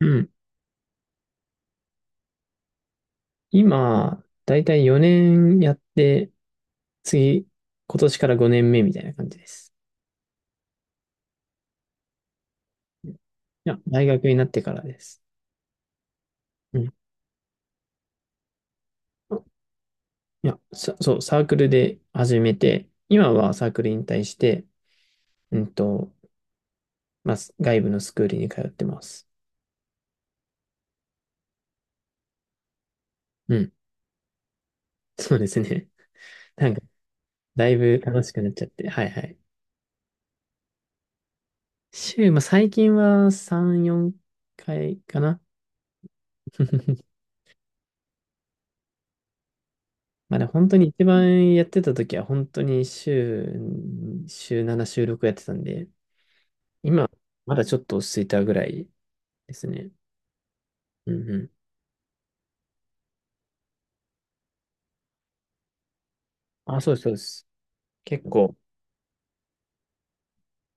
うん。今、だいたい4年やって、次、今年から5年目みたいな感じです。うん、いや、大学になってからです。うん。あ、いや、そう、サークルで始めて、今はサークル引退して、うんと、まあ、外部のスクールに通ってます。うん。そうですね。なんか、だいぶ楽しくなっちゃって、はいはい。週、まあ、最近は3、4回かな。まあね、本当に一番やってた時は本当に週7、週6やってたんで、今、まだちょっと落ち着いたぐらいですね。うんうん。あ、そうです、そうです。結構、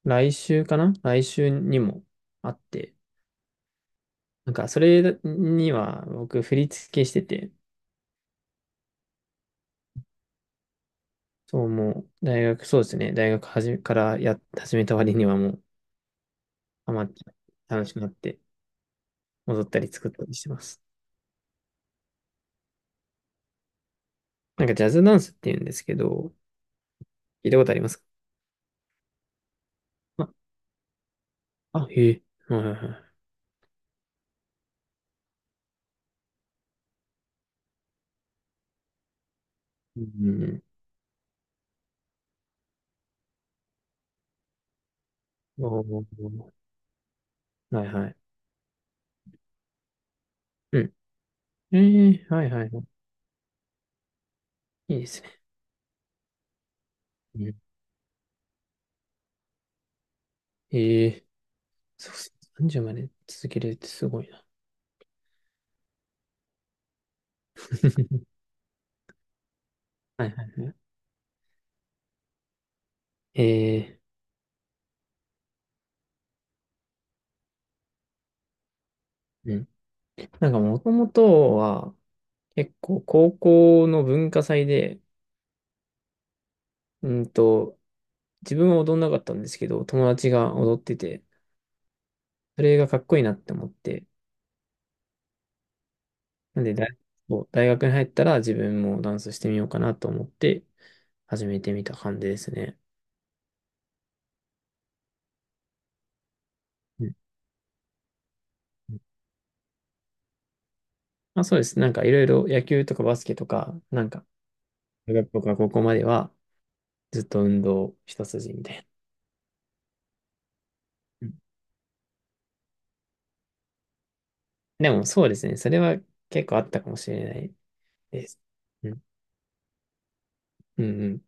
来週かな、来週にもあって、なんか、それには僕、振り付けしてて、そう、もう、大学、そうですね、大学はじめから始めた割にはもう、ハマって、楽しくなって、戻ったり作ったりしてます。なんか、ジャズダンスって言うんですけど、聞いたことありますか？あ、へえ。はいはいはい。うん。おー、はいはい。うん。ええ、はいはいはい。いいですね。うん。ええ、そうそう。さんじゅうまで続けれるってすごいな。はいはいはい。ええ、うん。なんかもともとは、結構高校の文化祭で、うんと、自分は踊んなかったんですけど、友達が踊ってて、それがかっこいいなって思って、なんでそう、大学に入ったら自分もダンスしてみようかなと思って、始めてみた感じですね。うんうん。まあ、そうです。なんかいろいろ野球とかバスケとか、なんか、中学校から高校まではずっと運動一筋みたいな。うん。でもそうですね。それは結構あったかもしれないです。うん。うんうん。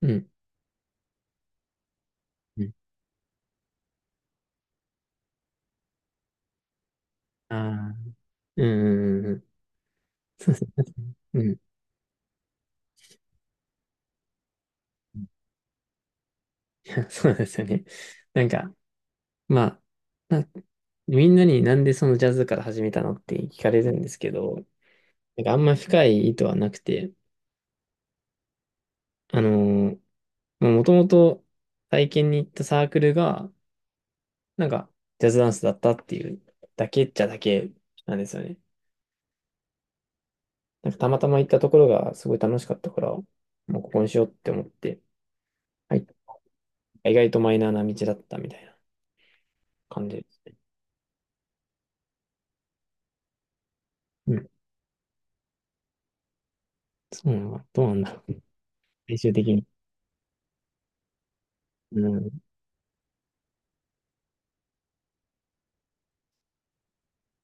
うん。うん。ああ。うんうんうん。そうですね。うん。いや、そうなんですよね。なんか、まあ、なみんなになんでそのジャズから始めたのって聞かれるんですけど、なんかあんま深い意図はなくて、あのーまあ、もともと体験に行ったサークルが、なんか、ジャズダンスだったっていうだけっちゃだけなんですよね。なんか、たまたま行ったところがすごい楽しかったから、もうここにしようって思って、はい、意外とマイナーな道だったみたいな感じですね。うん。そうなんだ。どうなんだろう。最終的に。うん。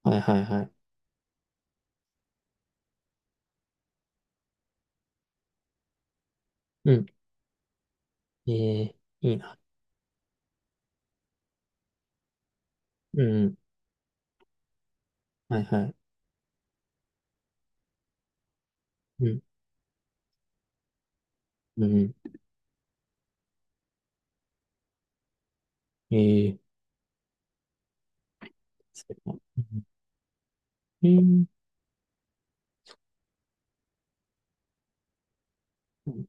はいはいはい。うん。ええ、いいな。うん。はいはい。うん。うん。ええ、そうか。うん。えー。うん。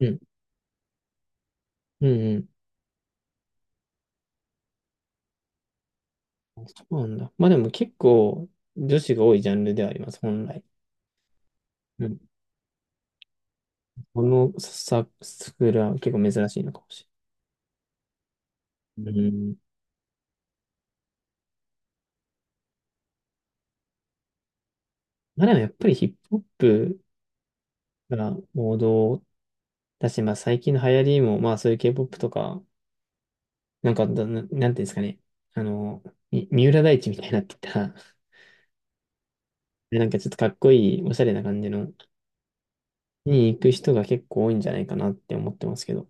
うん。うん。そうなんだ。まあでも結構女子が多いジャンルではあります、本来。うん。このスクールは結構珍しいのかもしれない。うん。まあでもやっぱりヒップホップが王道だし、まあ最近の流行りも、まあそういう K-POP とか、なんかだな、なんていうんですかね。あの、三浦大知みたいになってたで、なんかちょっとかっこいい、おしゃれな感じの、に行く人が結構多いんじゃないかなって思ってますけど。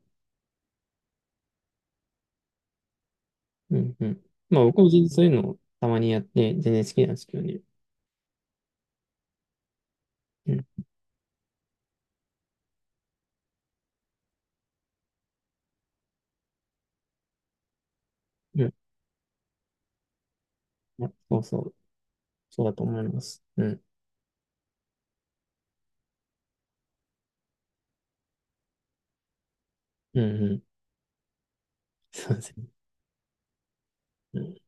うんうん。まあ僕も全然そういうのをたまにやって、全然好きなんですけどね。うんうん。や、そうそう。そうだと思います。うん。うんうん。そうですね。うん、い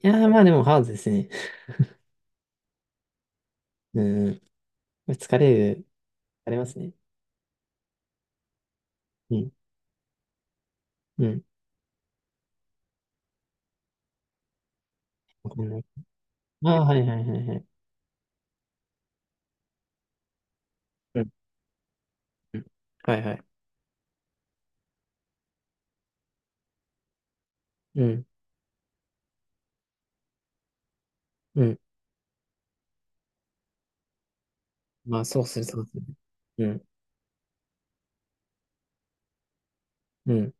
やー、まあでもハードですね。うんうん。疲れる、疲れますね。うん。うん。わかんない。ああ、はいはいはいはい。うん。うん。はいはい。うん。うん。まあそうするそうですね。うん。うん。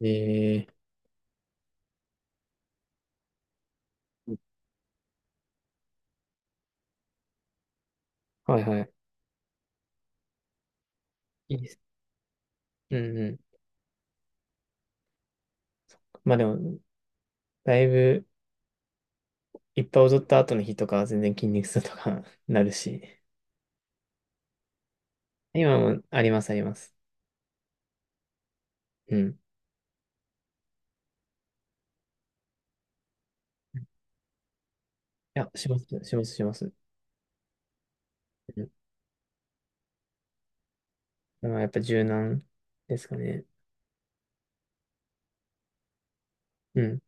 えー。はいはい。いいです。うんうん。まあでも、だいぶ、いっぱい踊った後の日とかは全然筋肉痛とか なるし。今もあります、あります。うん。いや、します、します、します。まあ、やっぱ柔軟ですかね。うん。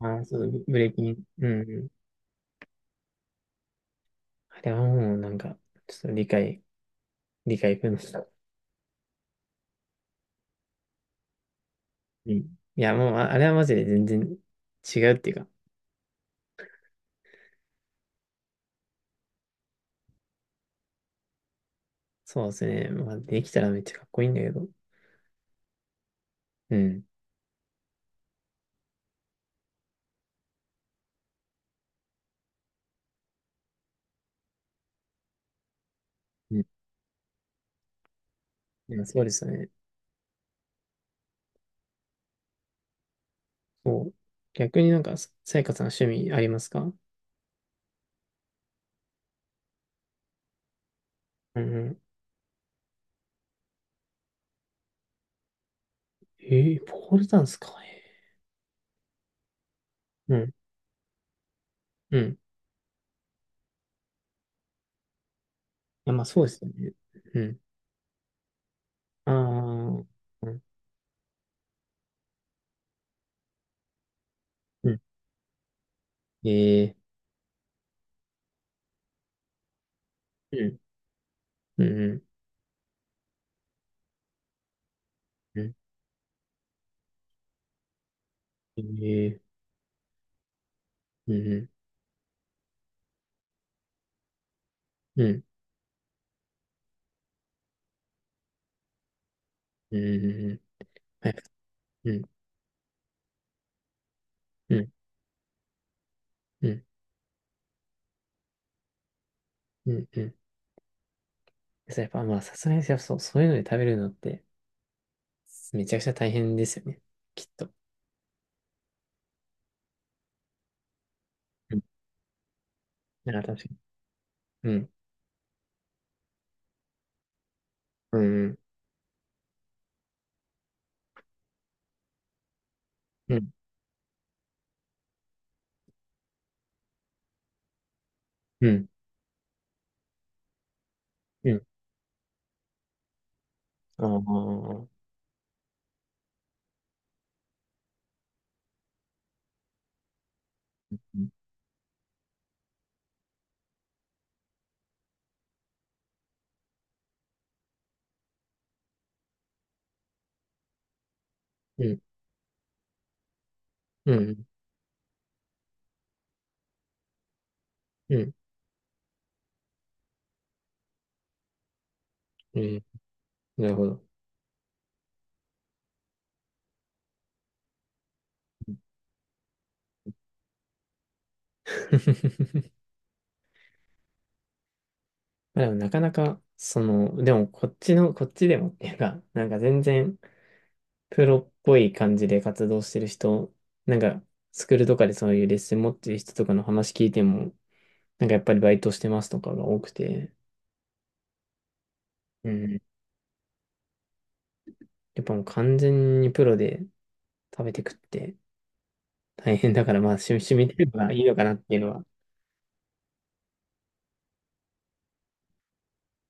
ああ、そう、ブレーキに。うんうん。あれはもうなんか、ちょっと理解不能だ。うん。いや、もう、あれはマジで全然違うっていうか、そうですね。まあ、できたらめっちゃかっこいいんだけど。うん。うん。いや、そうですね。そう。逆になんか、ささやかさん趣味ありますか？うんうん。ええ、ポールダンスか。えー。うん。うん。いや、まあ、そうですよね。うん。ああ。うん。うん。ええ。うん。うん。うん。ええ。うんうんうんうんうん。はい。うんうんうんうんうん。そう、やっぱまあさすがに、そう、そういうので食べるのってめちゃくちゃ大変ですよね。きっと。うん。だから確かに。うん。うんうんうんうん。ああ。うんうんうんうん。うん。なるほど。まあでもなかなか、その、でもこっちでもっていうか、なんか全然プロっぽい感じで活動してる人、なんか、スクールとかでそういうレッスン持ってる人とかの話聞いても、なんかやっぱりバイトしてますとかが多くて、うん。やっぱもう完全にプロで食べてくって大変だから、まあ趣味、趣味程度がいいのかなっていうのは